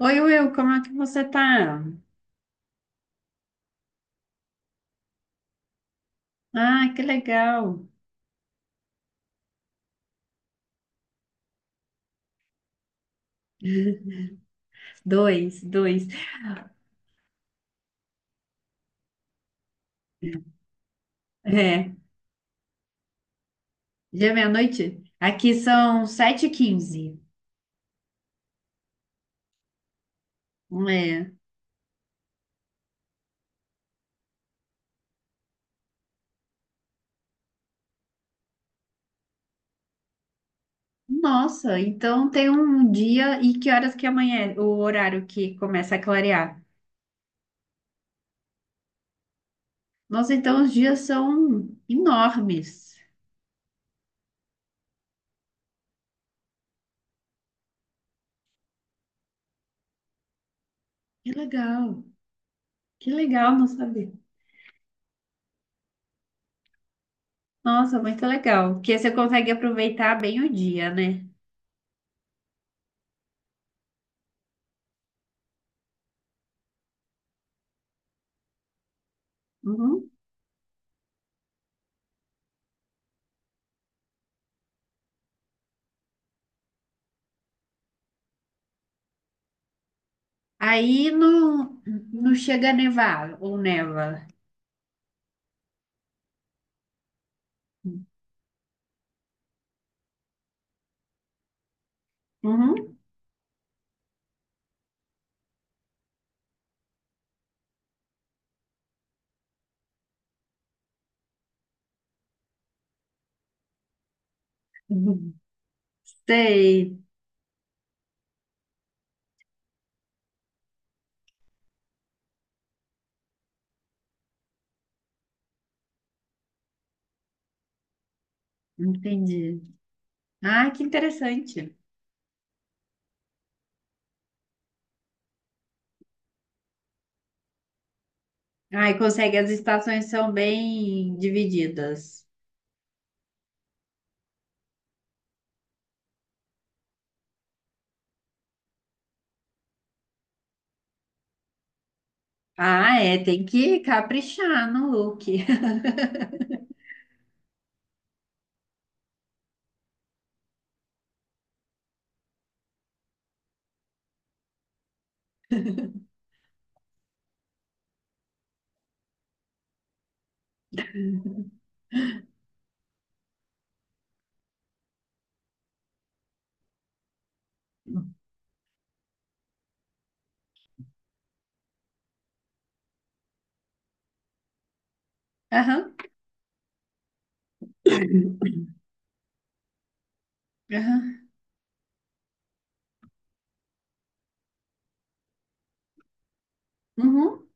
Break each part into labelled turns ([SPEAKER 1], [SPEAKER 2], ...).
[SPEAKER 1] Oi, Will, como é que você tá? Ah, que legal. Dois, dois. É, já é meia-noite? Aqui são sete h 15. É. Nossa, então tem um dia e que horas que amanhã, o horário que começa a clarear? Nossa, então os dias são enormes. Que legal, que legal, não sabia. Nossa, muito legal, porque você consegue aproveitar bem o dia, né? Uhum. Aí não, não chega a nevar ou neva. Uhum. Sei, entendi. Ah, que interessante. Ah, e consegue, as estações são bem divididas. Ah, é, tem que caprichar no look. Aham, aham, uhum.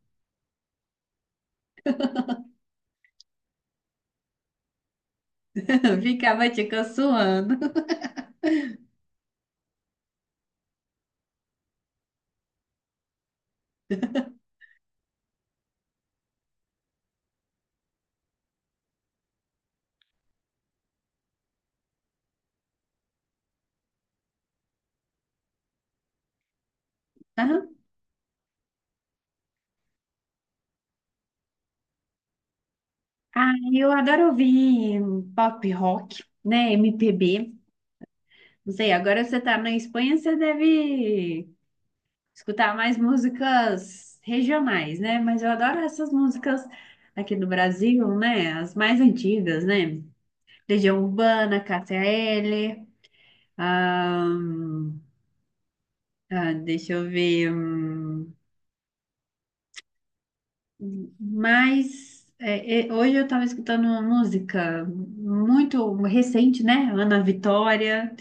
[SPEAKER 1] Ficava te caçoando. Aham. Ah, eu adoro ouvir pop rock, né, MPB. Não sei, agora você tá na Espanha, você deve escutar mais músicas regionais, né? Mas eu adoro essas músicas aqui do Brasil, né? As mais antigas, né? Legião Urbana, Cássia Eller, ahn, ah, deixa eu ver. Hum, mas é, hoje eu estava escutando uma música muito recente, né? Ana Vitória.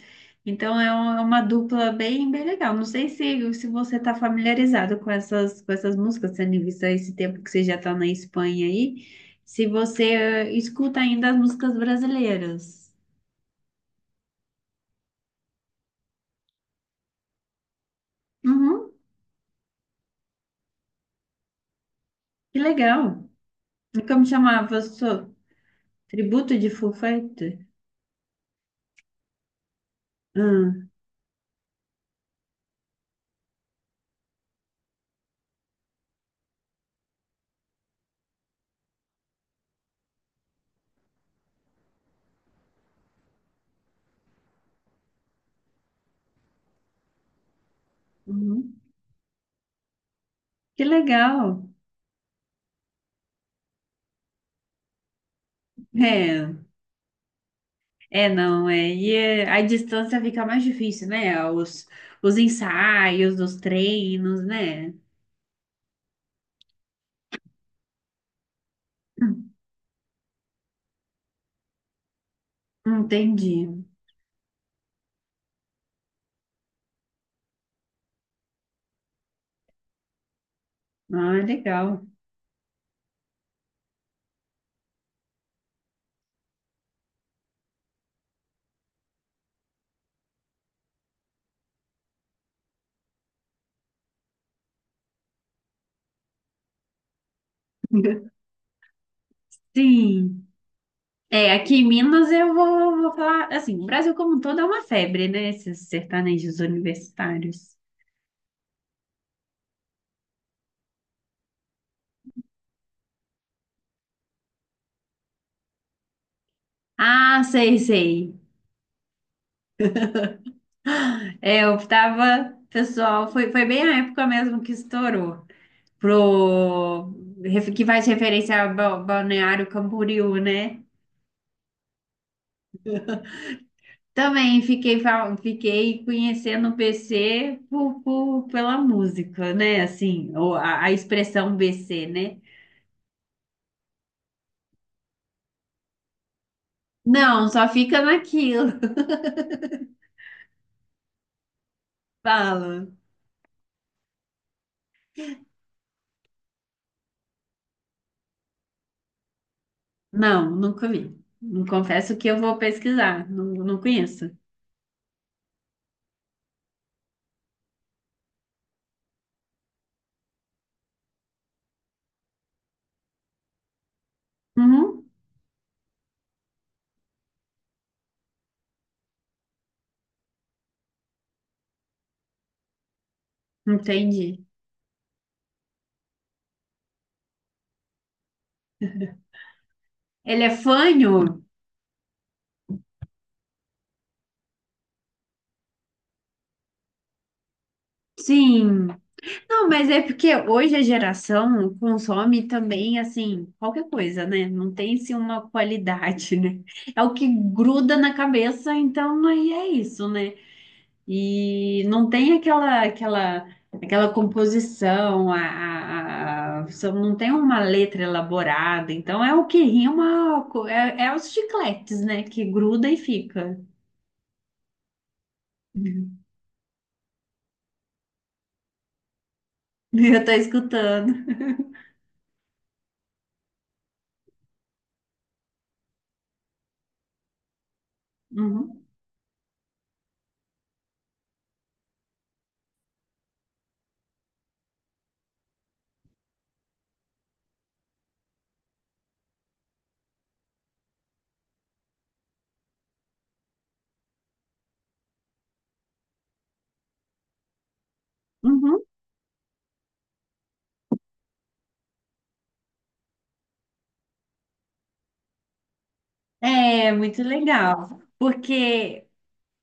[SPEAKER 1] Então é um- é uma dupla bem, bem legal. Não sei se você está familiarizado com essas, músicas, tendo em vista esse tempo que você já está na Espanha aí, se você escuta ainda as músicas brasileiras. Uhum, que legal. E como chamava? Sou tributo de Foo Fighters? Ah, uhum, que legal. É. É, não, é. E é, a distância fica mais difícil, né? Os ensaios, os treinos, né? Entendi. Ah, legal. Sim. É, aqui em Minas eu vou falar, assim, o Brasil como um todo é uma febre, né? Esses sertanejos universitários. Ah, sei, sei. É, eu tava, pessoal, foi bem a época mesmo que estourou. Pro, que faz referência ao Balneário Camboriú, né? Também fiquei, fiquei conhecendo o BC pela música, né? Assim, ou a expressão BC, né? Não, só fica naquilo. Fala. Não, nunca vi. Não confesso que eu vou pesquisar. Não, não conheço. Uhum, entendi. Ele é fanho? Sim. Não, mas é porque hoje a geração consome também, assim, qualquer coisa, né? Não tem, assim, uma qualidade, né? É o que gruda na cabeça, então aí é isso, né? E não tem aquela composição, só não tem uma letra elaborada, então é o que rima, é os chicletes, né? Que gruda e fica. Eu tô escutando. Uhum, uhum. É muito legal, porque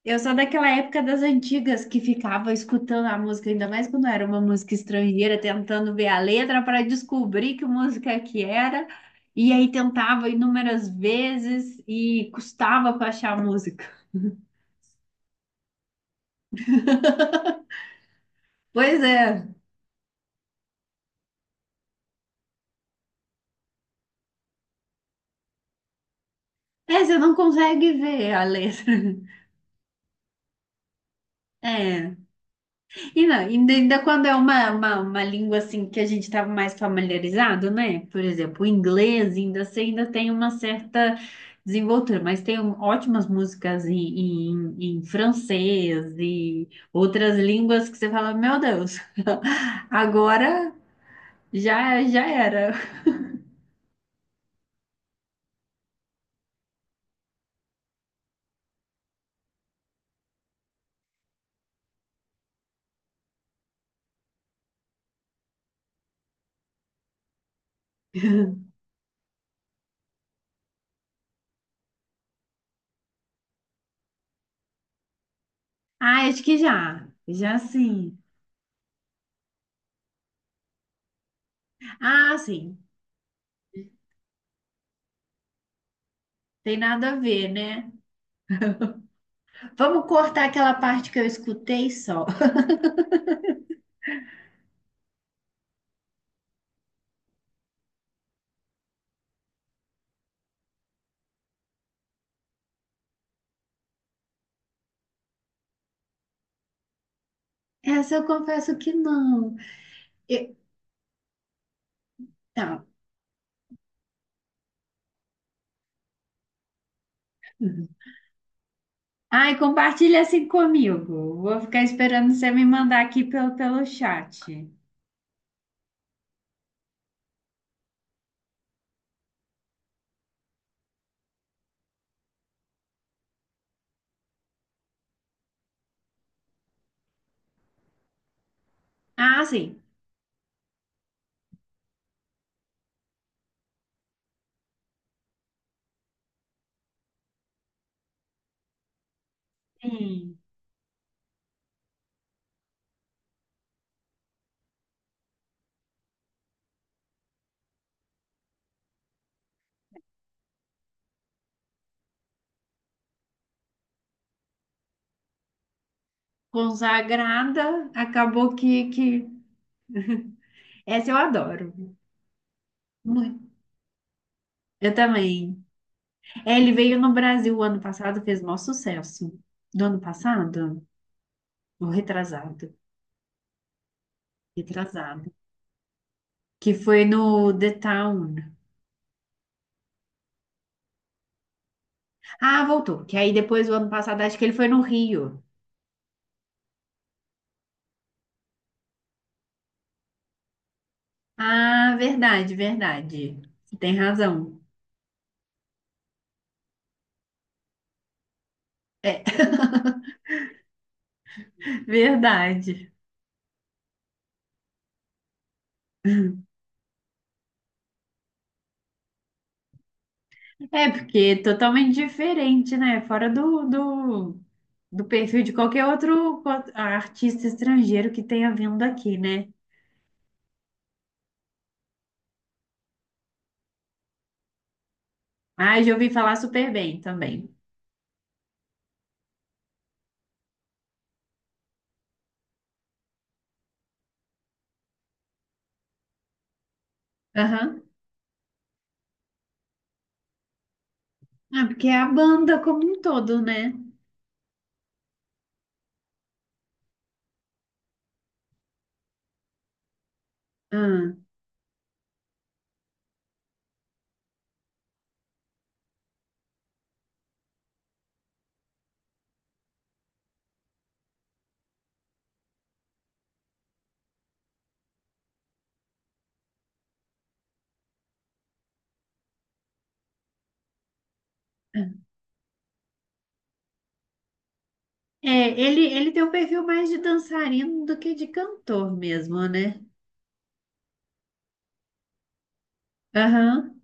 [SPEAKER 1] eu sou daquela época das antigas que ficava escutando a música, ainda mais quando era uma música estrangeira, tentando ver a letra para descobrir que música que era, e aí tentava inúmeras vezes e custava para achar a música. Pois é, é, você não consegue ver a letra. É. E não, ainda quando é uma língua assim que a gente estava mais familiarizado, né? Por exemplo, o inglês ainda assim, ainda tem uma certa desenvoltura, mas tem um- ótimas músicas em francês e outras línguas que você fala, meu Deus, agora já, já era. Ah, acho que já. Já sim. Ah, sim. Tem nada a ver, né? Vamos cortar aquela parte que eu escutei só. Essa eu confesso que não. Eu, Tá. Uhum. Ai, compartilha assim comigo. Vou ficar esperando você me mandar aqui pelo chat. Ah, sim. Sim. Consagrada, acabou que... Essa eu adoro. Muito. Eu também. É, ele veio no Brasil o ano passado, fez maior sucesso. Do ano passado? Ou retrasado? Retrasado. Que foi no The Town. Ah, voltou. Que aí depois do ano passado, acho que ele foi no Rio. Ah, verdade, verdade. Você tem razão. É, verdade. É, porque é totalmente diferente, né? Fora do perfil de qualquer outro co- artista estrangeiro que tenha vindo aqui, né? Ah, já ouvi falar super bem também. Aham. Ah, porque é a banda como um todo, né? Ah. Ah. É, ele tem um perfil mais de dançarino do que de cantor mesmo, né? Aham.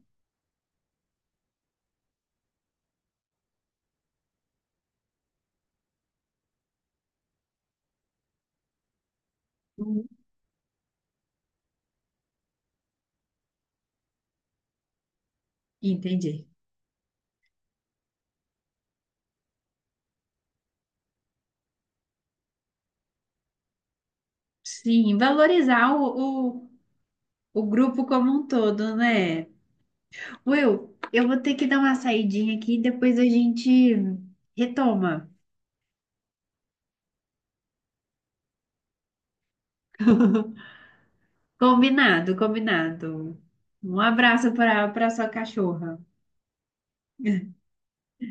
[SPEAKER 1] Uhum. Entendi. Sim, valorizar o grupo como um todo, né? Will, eu vou ter que dar uma saidinha aqui e depois a gente retoma. Combinado, combinado. Um abraço para sua cachorra.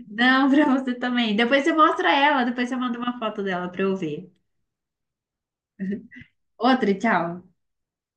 [SPEAKER 1] Não, para você também. Depois você mostra ela, depois você manda uma foto dela para eu ver. Outra, tchau.